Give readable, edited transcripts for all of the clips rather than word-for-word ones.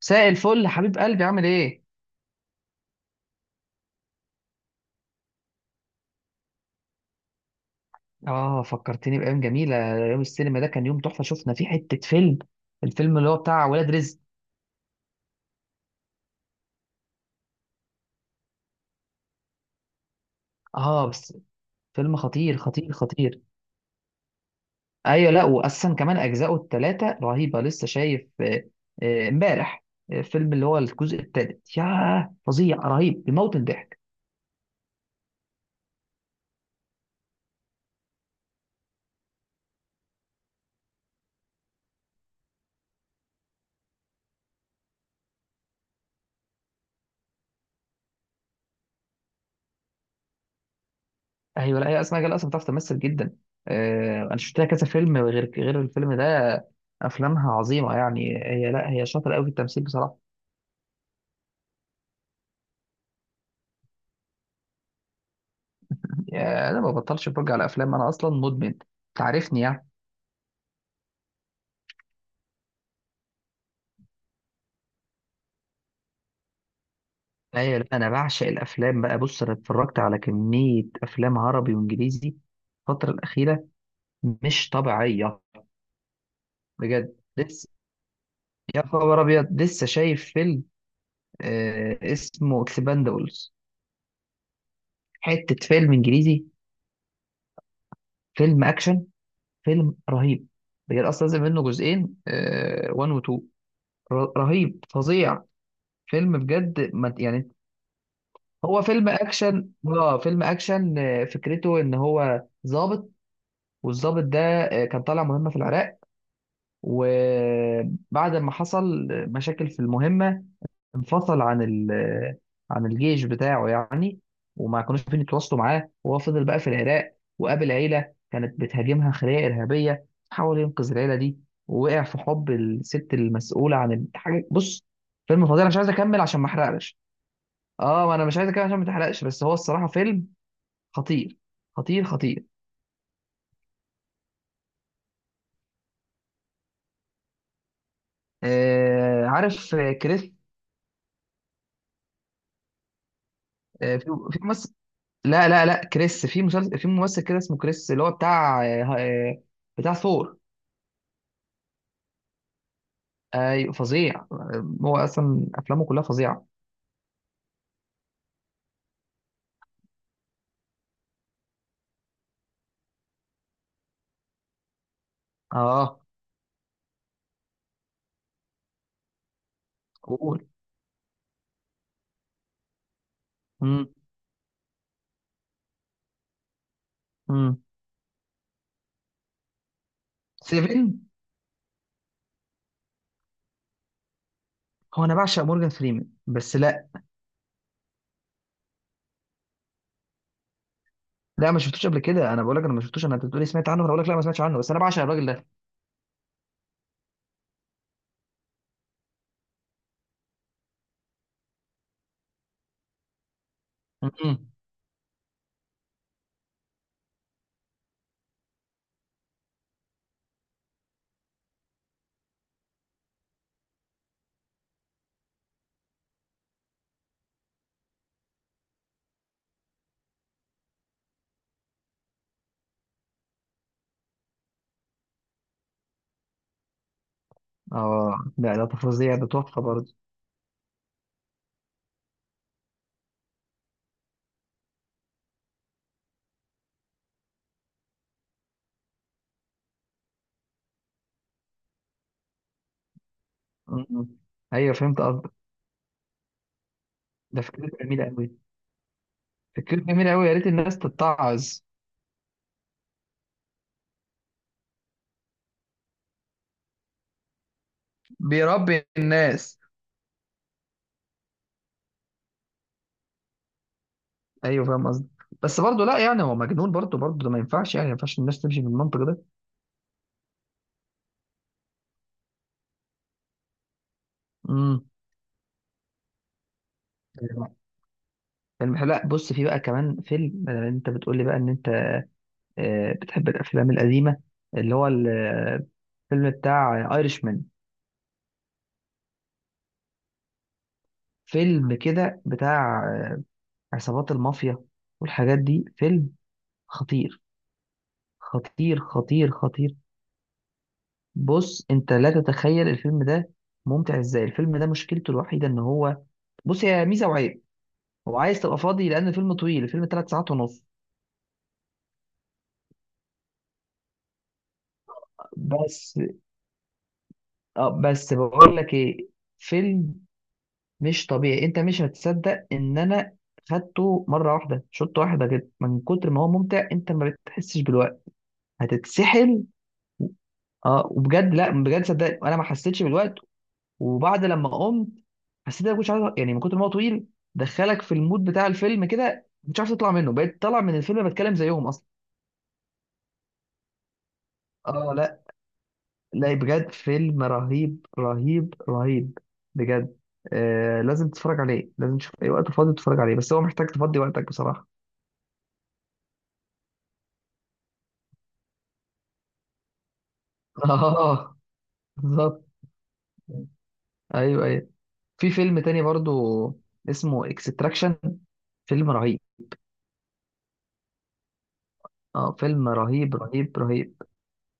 مساء الفل حبيب قلبي عامل ايه؟ اه، فكرتني بأيام جميلة. يوم السينما ده كان يوم تحفة شفنا فيه حتة فيلم. الفيلم اللي هو بتاع ولاد رزق. اه، بس. فيلم خطير خطير خطير. ايوه، لا وأصلا كمان أجزاؤه التلاتة رهيبة. لسه شايف امبارح. فيلم اللي هو الجزء التالت. ياه، فظيع رهيب بيموت من الضحك. ايوه، لا هي أسماء جلال أصلا بتعرف تمثل جدا. أنا شفت لها كذا فيلم غير الفيلم ده. أفلامها عظيمة. يعني هي، لا هي شاطرة قوي في التمثيل بصراحة. يا، انا ما ببطلش اتفرج على افلام. انا اصلا مدمن، تعرفني يعني. ايوه، لا انا بعشق الافلام بقى. بص، انا اتفرجت على كميه افلام عربي وانجليزي الفتره الاخيره. مش طبيعيه. بجد، لسه يا خبر ابيض لسه شايف فيلم اسمه اكسباندبلز. حته فيلم انجليزي، فيلم اكشن، فيلم رهيب. بجد، اصلا نزل منه جزئين 1 و 2. رهيب فظيع. فيلم، بجد ما يعني. هو فيلم اكشن، فكرته ان هو ضابط. والضابط ده كان طالع مهمه في العراق. وبعد ما حصل مشاكل في المهمه، انفصل عن ال آه، عن الجيش بتاعه يعني. وما كانوش عارفين يتواصلوا معاه. وهو فضل بقى في العراق وقابل عيله كانت بتهاجمها خلية ارهابيه، حاول ينقذ العيله دي، ووقع في حب الست المسؤوله عن الحاجه. بص، فيلم فظيع. انا مش عايز اكمل عشان ما احرقش. اه، ما انا مش عايز اكمل عشان ما تحرقش. بس هو الصراحه فيلم خطير خطير خطير. عارف. كريس. آه في في ممثل. لا لا لا، كريس في مسلسل. في ممثل كده اسمه كريس اللي هو بتاع بتاع ثور. فظيع، هو اصلا افلامه كلها فظيعه. اه، قول. امم. امم. سيفن. هو انا بعشق مورجان فريمان بس لا. لا، ما شفتوش قبل كده. انا بقول لك انا ما شفتوش. انت بتقولي سمعت عنه، انا بقول لك لا، ما سمعتش عنه. بس انا بعشق الراجل ده. امم. اه، لا ده فظيع. ده تحفه برضه. امم. ايوه، فهمت قصدك. ده فكرته جميله قوي. فكرة جميلة أوي، يا ريت الناس تتعظ. بيربي الناس. أيوه، فاهم قصدي. بس برضه، لا يعني هو مجنون برضه برضه. ده ما ينفعش يعني. ما ينفعش الناس تمشي بالمنطق ده. امم. فيلم حلو. لا بص، في بقى كمان فيلم. بدل أنت بتقول لي بقى إن أنت بتحب الأفلام القديمة، اللي هو الفيلم بتاع ايرش مان. فيلم كده بتاع عصابات المافيا والحاجات دي. فيلم خطير خطير خطير خطير. بص، انت لا تتخيل الفيلم ده ممتع ازاي. الفيلم ده مشكلته الوحيده ان هو، بص، هي ميزه وعيب. هو عايز تبقى فاضي لان الفيلم طويل. الفيلم 3 ساعات ونص. بس اه بس بقول لك ايه. فيلم مش طبيعي. انت مش هتصدق ان انا خدته مره واحده، شوطه واحده كده، من كتر ما هو ممتع انت ما بتحسش بالوقت. هتتسحل. اه، وبجد لا، بجد صدقني انا ما حسيتش بالوقت. وبعد لما قمت حسيت إن انا ما كنتش عارف. يعني من كتر ما هو طويل، دخلك في المود بتاع الفيلم كده، ما كنتش عارف تطلع منه. بقيت طالع من الفيلم بتكلم زيهم اصلا. اه، لا لا بجد، فيلم رهيب رهيب رهيب. بجد، آه، لازم تتفرج عليه. لازم تشوف اي وقت فاضي تتفرج عليه، بس هو محتاج تفضي وقتك بصراحة. اه، بالظبط. ايوه، ايوه. في فيلم تاني برضو اسمه اكستراكشن. فيلم رهيب. اه، فيلم رهيب رهيب رهيب.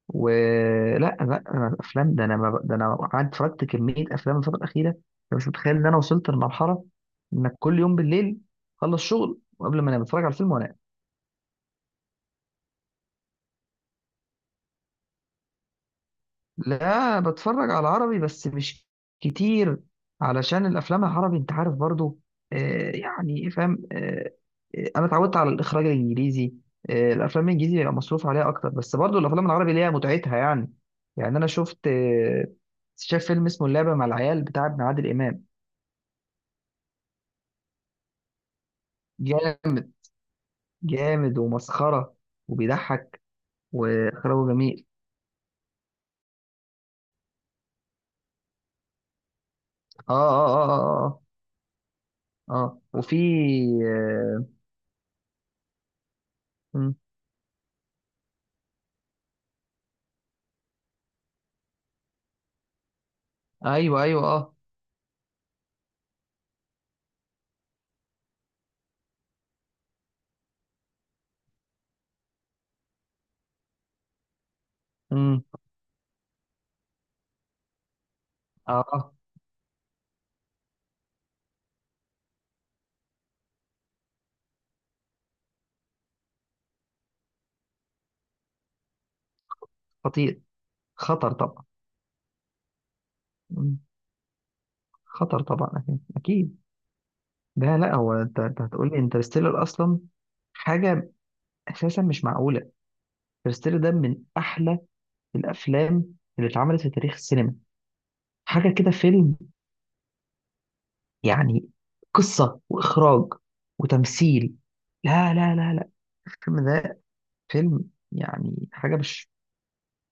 ولا لا، أنا افلام ده انا ما... ده انا قعدت اتفرجت كميه افلام الفتره الاخيره. انا مش متخيل ان انا وصلت لمرحله انك كل يوم بالليل خلص شغل وقبل ما انام بتفرج على الفيلم وانام. لا، بتفرج على عربي بس مش كتير. علشان الافلام العربي انت عارف برضو، يعني إيه، فاهم، انا اتعودت على الاخراج الانجليزي. الافلام الانجليزي بيبقى مصروف عليها اكتر. بس برضو الافلام العربي ليها متعتها يعني. يعني انا شفت آه شايف فيلم اسمه اللعبه مع العيال بتاع ابن عادل امام. جامد، جامد ومسخرة وبيضحك وإخراجه جميل. آه آه آه آه آه, آه. آه. وفي. آه. مم. أيوه أيوه آه. مم. آه آه. خطير. خطر طبعا. مم. خطر طبعا أكيد أكيد. ده، لا هو أنت هتقول لي انترستيلر أصلا. حاجة أساسا مش معقولة. انترستيلر ده من أحلى الأفلام اللي اتعملت في تاريخ السينما. حاجة كده، فيلم يعني قصة وإخراج وتمثيل. لا لا لا لا، الفيلم ده فيلم يعني حاجة مش،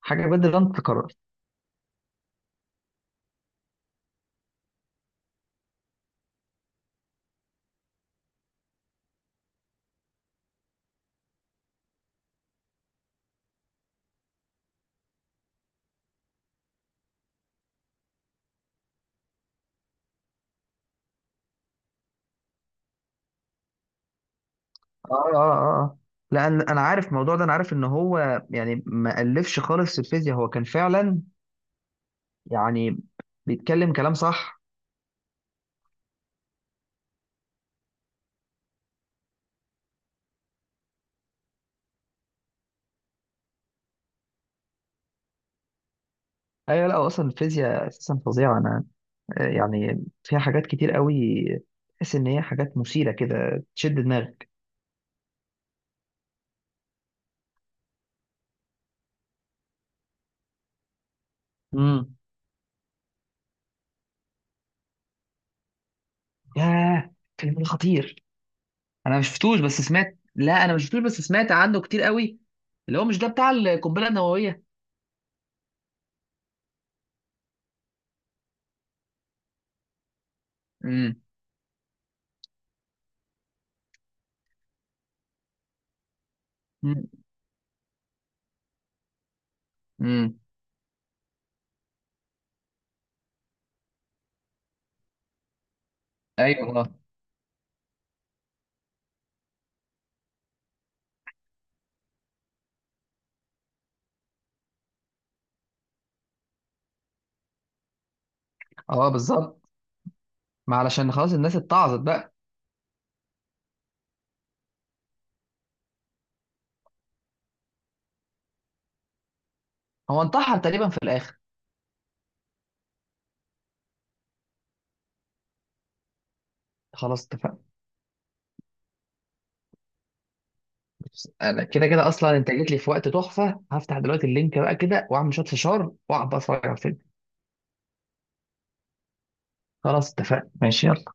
حاجة بجد لا تتكرر. آه، آه، آه، لأن أنا عارف الموضوع ده. أنا عارف إن هو يعني ما ألفش خالص الفيزياء. هو كان فعلا يعني بيتكلم كلام صح. أيوة، لا هو أصلا الفيزياء أساسا فظيعة. أنا يعني فيها حاجات كتير قوي. تحس إن هي حاجات مثيرة كده تشد دماغك. امم. ياه، الفيلم ده خطير. انا مش شفتوش بس سمعت. لا، انا مش شفتوش بس سمعت عنه كتير قوي. اللي هو مش ده بتاع القنبله النوويه. امم. امم. أمم. ايوه، اه اه، بالظبط. ما علشان خلاص الناس اتعظت بقى. هو انتحر تقريبا في الاخر. خلاص، اتفقنا. بس انا كده كده اصلا، انت جيت لي في وقت تحفه. هفتح دلوقتي اللينك بقى كده، واعمل شويه فشار واقعد بقى اتفرج على الفيلم. خلاص، اتفقنا ماشي، يلا.